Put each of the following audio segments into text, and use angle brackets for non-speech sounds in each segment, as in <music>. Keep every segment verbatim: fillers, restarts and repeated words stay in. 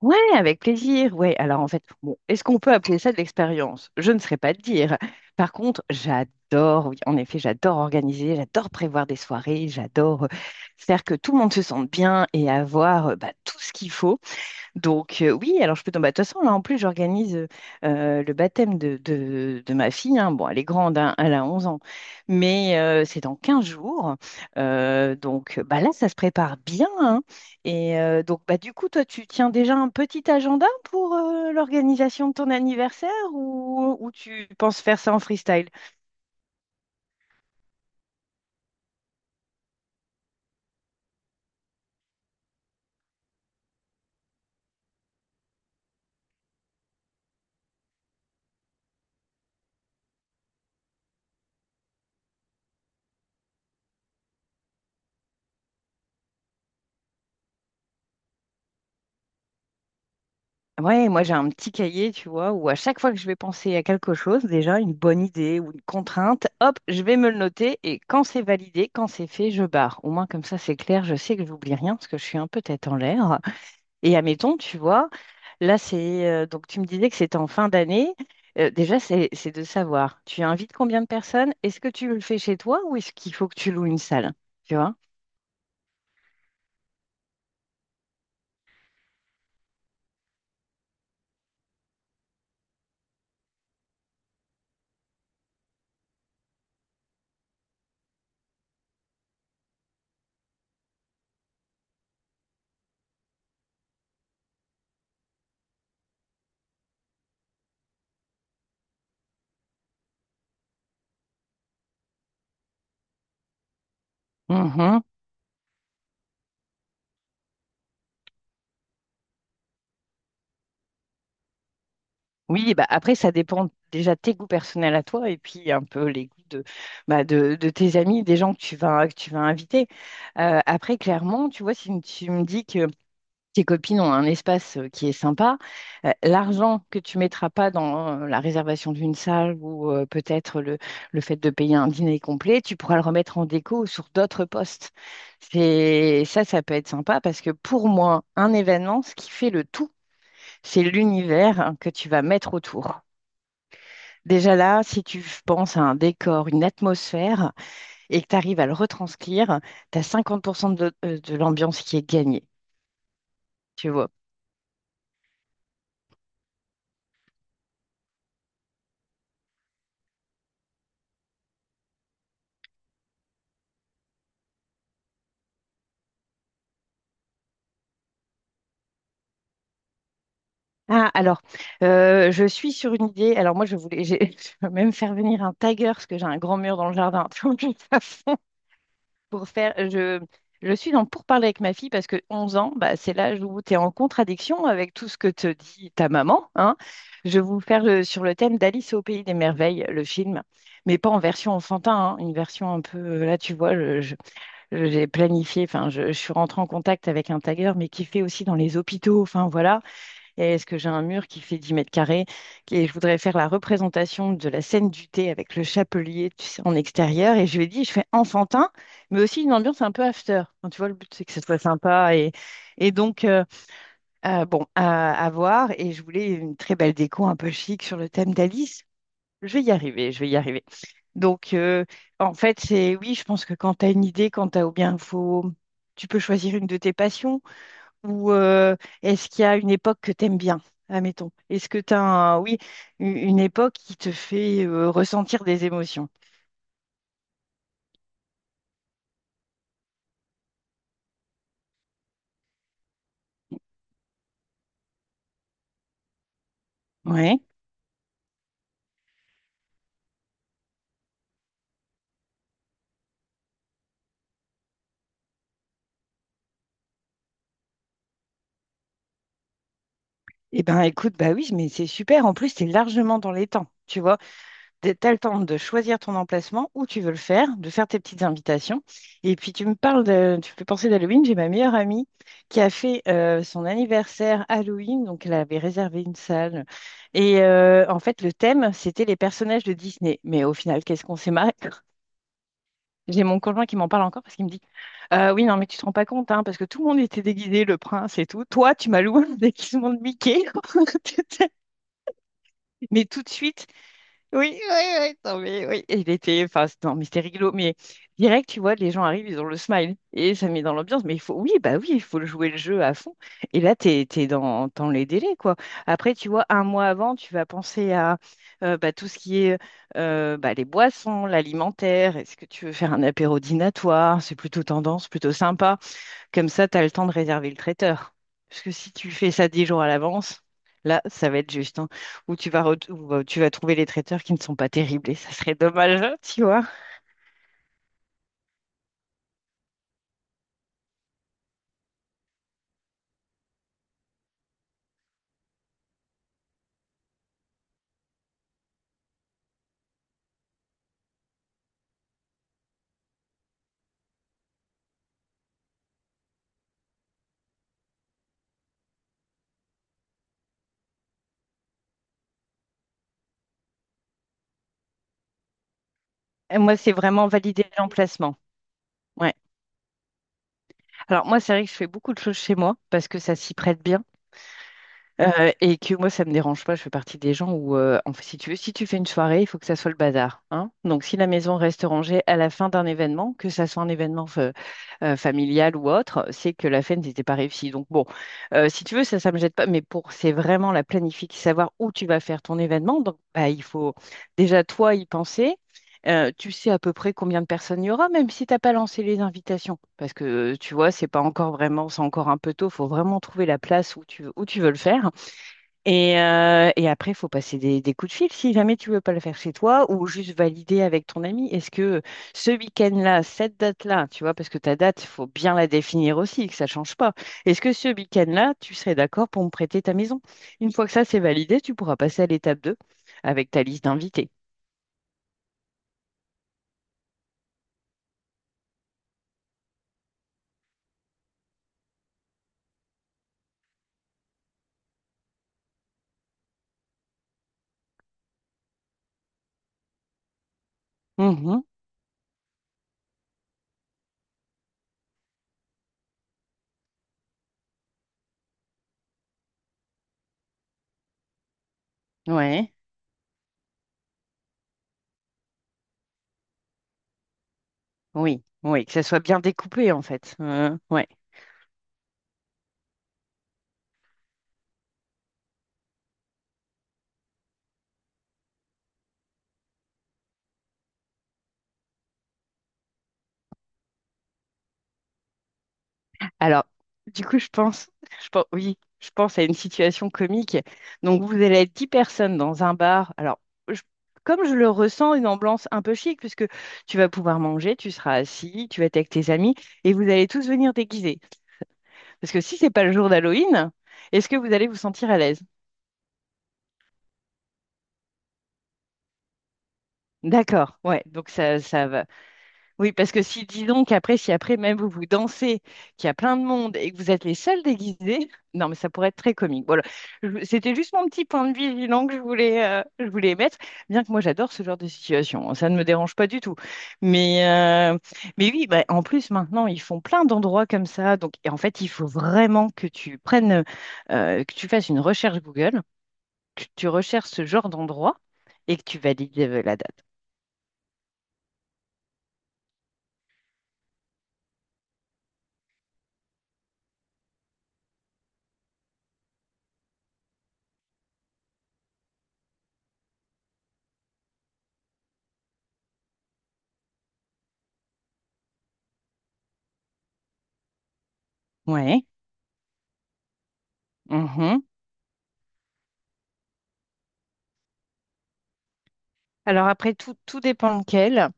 Ouais, avec plaisir. Ouais, alors en fait, bon, est-ce qu'on peut appeler ça de l'expérience? Je ne saurais pas te dire. Par contre, j'adore, oui, en effet, j'adore organiser, j'adore prévoir des soirées, j'adore euh, faire que tout le monde se sente bien et avoir euh, bah, tout ce qu'il faut. Donc, euh, oui, alors je peux tomber. De toute façon, là, en plus, j'organise euh, euh, le baptême de, de- de ma fille, hein. Bon, elle est grande, hein, elle a onze ans, mais euh, c'est dans quinze jours. Euh, donc, bah, là, ça se prépare bien, hein. Et euh, donc, bah, du coup, toi, tu tiens déjà un petit agenda pour euh, l'organisation de ton anniversaire ou, ou tu penses faire ça en freestyle? Ouais, moi j'ai un petit cahier, tu vois, où à chaque fois que je vais penser à quelque chose, déjà une bonne idée ou une contrainte, hop, je vais me le noter et quand c'est validé, quand c'est fait, je barre. Au moins comme ça c'est clair, je sais que j'oublie rien parce que je suis un peu tête en l'air. Et admettons, tu vois, là c'est euh, donc tu me disais que c'était en fin d'année. Euh, déjà c'est c'est de savoir, tu invites combien de personnes? Est-ce que tu le fais chez toi ou est-ce qu'il faut que tu loues une salle? Tu vois? Oui, bah après, ça dépend déjà de tes goûts personnels à toi et puis un peu les goûts de, bah, de, de tes amis, des gens que tu vas, que tu vas inviter. Euh, après, clairement, tu vois, si tu me dis que tes copines ont un espace euh, qui est sympa, euh, l'argent que tu mettras pas dans euh, la réservation d'une salle ou euh, peut-être le, le fait de payer un dîner complet, tu pourras le remettre en déco sur d'autres postes. C'est, ça, ça peut être sympa parce que pour moi, un événement, ce qui fait le tout, c'est l'univers que tu vas mettre autour. Déjà là, si tu penses à un décor, une atmosphère, et que tu arrives à le retranscrire, tu as cinquante pour cent de, euh, de l'ambiance qui est gagnée, tu vois. Ah, alors, euh, je suis sur une idée. Alors moi, je voulais, j'ai- <laughs> je veux même faire venir un tiger, parce que j'ai un grand mur dans le jardin. <laughs> Tu vois, je vais pas pour faire, je, je suis dans pour parler avec ma fille parce que onze ans, bah, c'est l'âge où tu es en contradiction avec tout ce que te dit ta maman, hein. Je vais vous faire le- sur le thème d'Alice au pays des merveilles, le film, mais pas en version enfantin, hein, une version un peu, là tu vois, je- je- je- j'ai planifié, enfin, je, je suis rentrée en contact avec un tagueur, mais qui fait aussi dans les hôpitaux, enfin voilà. Et est-ce que j'ai un mur qui fait dix mètres carrés? Et je voudrais faire la représentation de la scène du thé avec le chapelier, tu sais, en extérieur. Et je lui ai dit, je fais enfantin, mais aussi une ambiance un peu after. Enfin, tu vois, le but, c'est que ça soit sympa. Et, et donc, euh, euh, bon, à, à voir. Et je voulais une très belle déco, un peu chic sur le thème d'Alice. Je vais y arriver, je vais y arriver. Donc, euh, en fait, c'est oui, je pense que quand tu as une idée, quand tu as ou bien faut, tu peux choisir une de tes passions. Ou euh, est-ce qu'il y a une époque que t'aimes bien, admettons? Est-ce que tu as un, oui, u- une époque qui te fait euh, ressentir des émotions? Ouais. Eh ben écoute, bah oui, mais c'est super. En plus, tu es largement dans les temps. Tu vois, tu as le temps de choisir ton emplacement où tu veux le faire, de faire tes petites invitations. Et puis tu me parles de, tu me fais penser d'Halloween. J'ai ma meilleure amie qui a fait euh, son anniversaire Halloween, donc elle avait réservé une salle. Et euh, en fait, le thème, c'était les personnages de Disney. Mais au final, qu'est-ce qu'on s'est marré? J'ai mon conjoint qui m'en parle encore parce qu'il me dit Euh, oui, non, mais tu te rends pas compte, hein, parce que tout le monde était déguisé, le prince et tout. Toi, tu m'as loué un <laughs> déguisement de Mickey. <laughs> Mais tout de suite, oui, oui, oui, non, mais oui, et il était, enfin, c'est- non, mais c'était rigolo, mais direct, tu vois, les gens arrivent, ils ont le smile, et ça met dans l'ambiance, mais il faut, oui, bah oui, il faut le jouer le jeu à fond, et là, t'es, t'es dans, dans les délais, quoi. Après, tu vois, un mois avant, tu vas penser à euh, bah, tout ce qui est euh, bah, les boissons, l'alimentaire, est-ce que tu veux faire un apéro dînatoire, c'est plutôt tendance, plutôt sympa, comme ça, tu as le temps de réserver le traiteur. Parce que si tu fais ça dix jours à l'avance, là, ça va être juste, hein. Ou tu vas, re- ou, euh, tu vas trouver les traiteurs qui ne sont pas terribles et ça serait dommage, hein, tu vois. Et moi, c'est vraiment valider l'emplacement. Ouais. Alors moi, c'est vrai que je fais beaucoup de choses chez moi parce que ça s'y prête bien. euh, et que moi, ça me dérange pas. Je fais partie des gens où, euh, en fait, si tu veux, si tu fais une soirée, il faut que ça soit le bazar, hein. Donc, si la maison reste rangée à la fin d'un événement, que ça soit un événement euh, euh, familiale ou autre, c'est que la fête n'était pas réussie. Donc bon, euh, si tu veux, ça, ça me jette pas, mais pour, c'est vraiment la planification, savoir où tu vas faire ton événement. Donc bah, il faut déjà toi y penser. Euh, tu sais à peu près combien de personnes il y aura, même si tu n'as pas lancé les invitations. Parce que tu vois, c'est pas encore vraiment, c'est encore un peu tôt. Il faut vraiment trouver la place où tu, où tu veux le faire. Et, euh, et après, il faut passer des, des coups de fil si jamais tu veux pas le faire chez toi ou juste valider avec ton ami. Est-ce que ce week-end-là, cette date-là, tu vois, parce que ta date, il faut bien la définir aussi, que ça change pas. Est-ce que ce week-end-là, tu serais d'accord pour me prêter ta maison? Une fois que ça, c'est validé, tu pourras passer à l'étape deux avec ta liste d'invités. Mhm. Ouais. Oui, oui, que ça soit bien découpé en fait. Euh, ouais. Alors, du coup, je pense, je pense, oui, je pense à une situation comique. Donc, vous allez être dix personnes dans un bar. Alors, je- comme je le ressens, une ambiance un peu chic, puisque tu vas pouvoir manger, tu seras assis, tu vas être avec tes amis, et vous allez tous venir déguisés. Parce que si c'est pas le jour d'Halloween, est-ce que vous allez vous sentir à l'aise? D'accord, ouais, donc ça, ça Oui, parce que si, disons qu'après, si après même vous vous dansez, qu'il y a plein de monde et que vous êtes les seuls déguisés, <laughs> non, mais ça pourrait être très comique. Voilà, Je- c'était juste mon petit point de vigilance que je voulais, euh, je voulais émettre, bien que moi j'adore ce genre de situation, hein, ça ne me dérange pas du tout. Mais, euh, mais oui, bah, en plus maintenant, ils font plein d'endroits comme ça, donc et en fait, il faut vraiment que tu prennes, euh, que tu fasses une recherche Google, que tu recherches ce genre d'endroit et que tu valides euh, la date. Ouais. Alors après, tout, tout dépend lequel.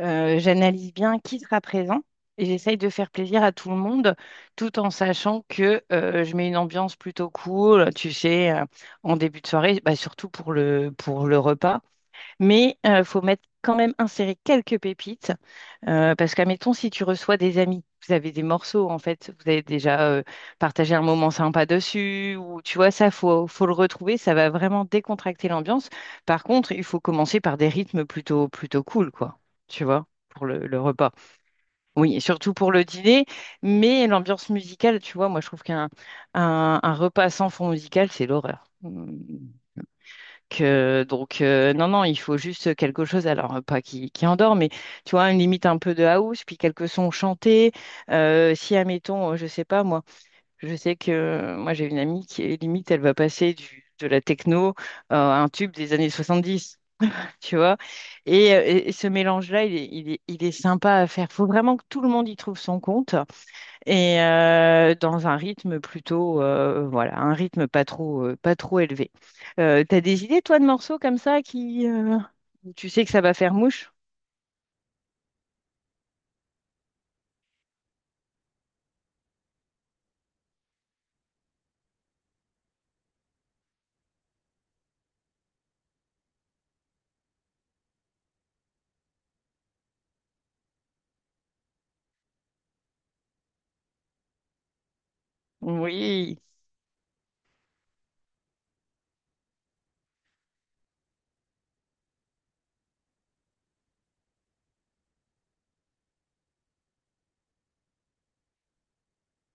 Euh, j'analyse bien qui sera présent et j'essaye de faire plaisir à tout le monde tout en sachant que euh, je mets une ambiance plutôt cool, tu sais, euh, en début de soirée, bah, surtout pour le, pour le, repas. Mais il faut mettre quand même insérer quelques pépites euh, parce qu'admettons, si tu reçois des amis, vous avez des morceaux, en fait, vous avez déjà euh, partagé un moment sympa dessus, ou tu vois, ça, faut, faut le retrouver, ça va vraiment décontracter l'ambiance. Par contre, il faut commencer par des rythmes plutôt, plutôt cool, quoi, tu vois, pour le, le repas. Oui, et surtout pour le dîner, mais l'ambiance musicale, tu vois, moi, je trouve qu'un un, un repas sans fond musical, c'est l'horreur. Mmh euh, donc euh, non, non, il faut juste quelque chose, alors euh, pas qui, qui endort, mais tu vois, une limite un peu de house, puis quelques sons chantés. Euh, si, admettons, euh, je sais pas, moi, je sais que euh, moi j'ai une amie qui est limite, elle va passer du, de la techno euh, à un tube des années soixante-dix, tu vois. Et, euh, et- et ce mélange-là, il est, il est, il est sympa à faire. Faut vraiment que tout le monde y trouve son compte et euh, dans un rythme plutôt, euh, voilà, un rythme pas trop, euh, pas trop élevé. Euh, t'as des idées, toi, de morceaux comme ça qui, euh, tu sais que ça va faire mouche? Oui.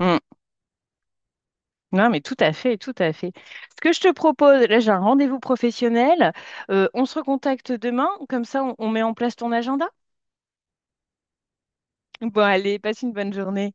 Mm. Non, mais tout à fait, tout à fait. Ce que je te propose, là, j'ai un rendez-vous professionnel. Euh, on se recontacte demain, comme ça, on on met en place ton agenda. Bon, allez, passe une bonne journée.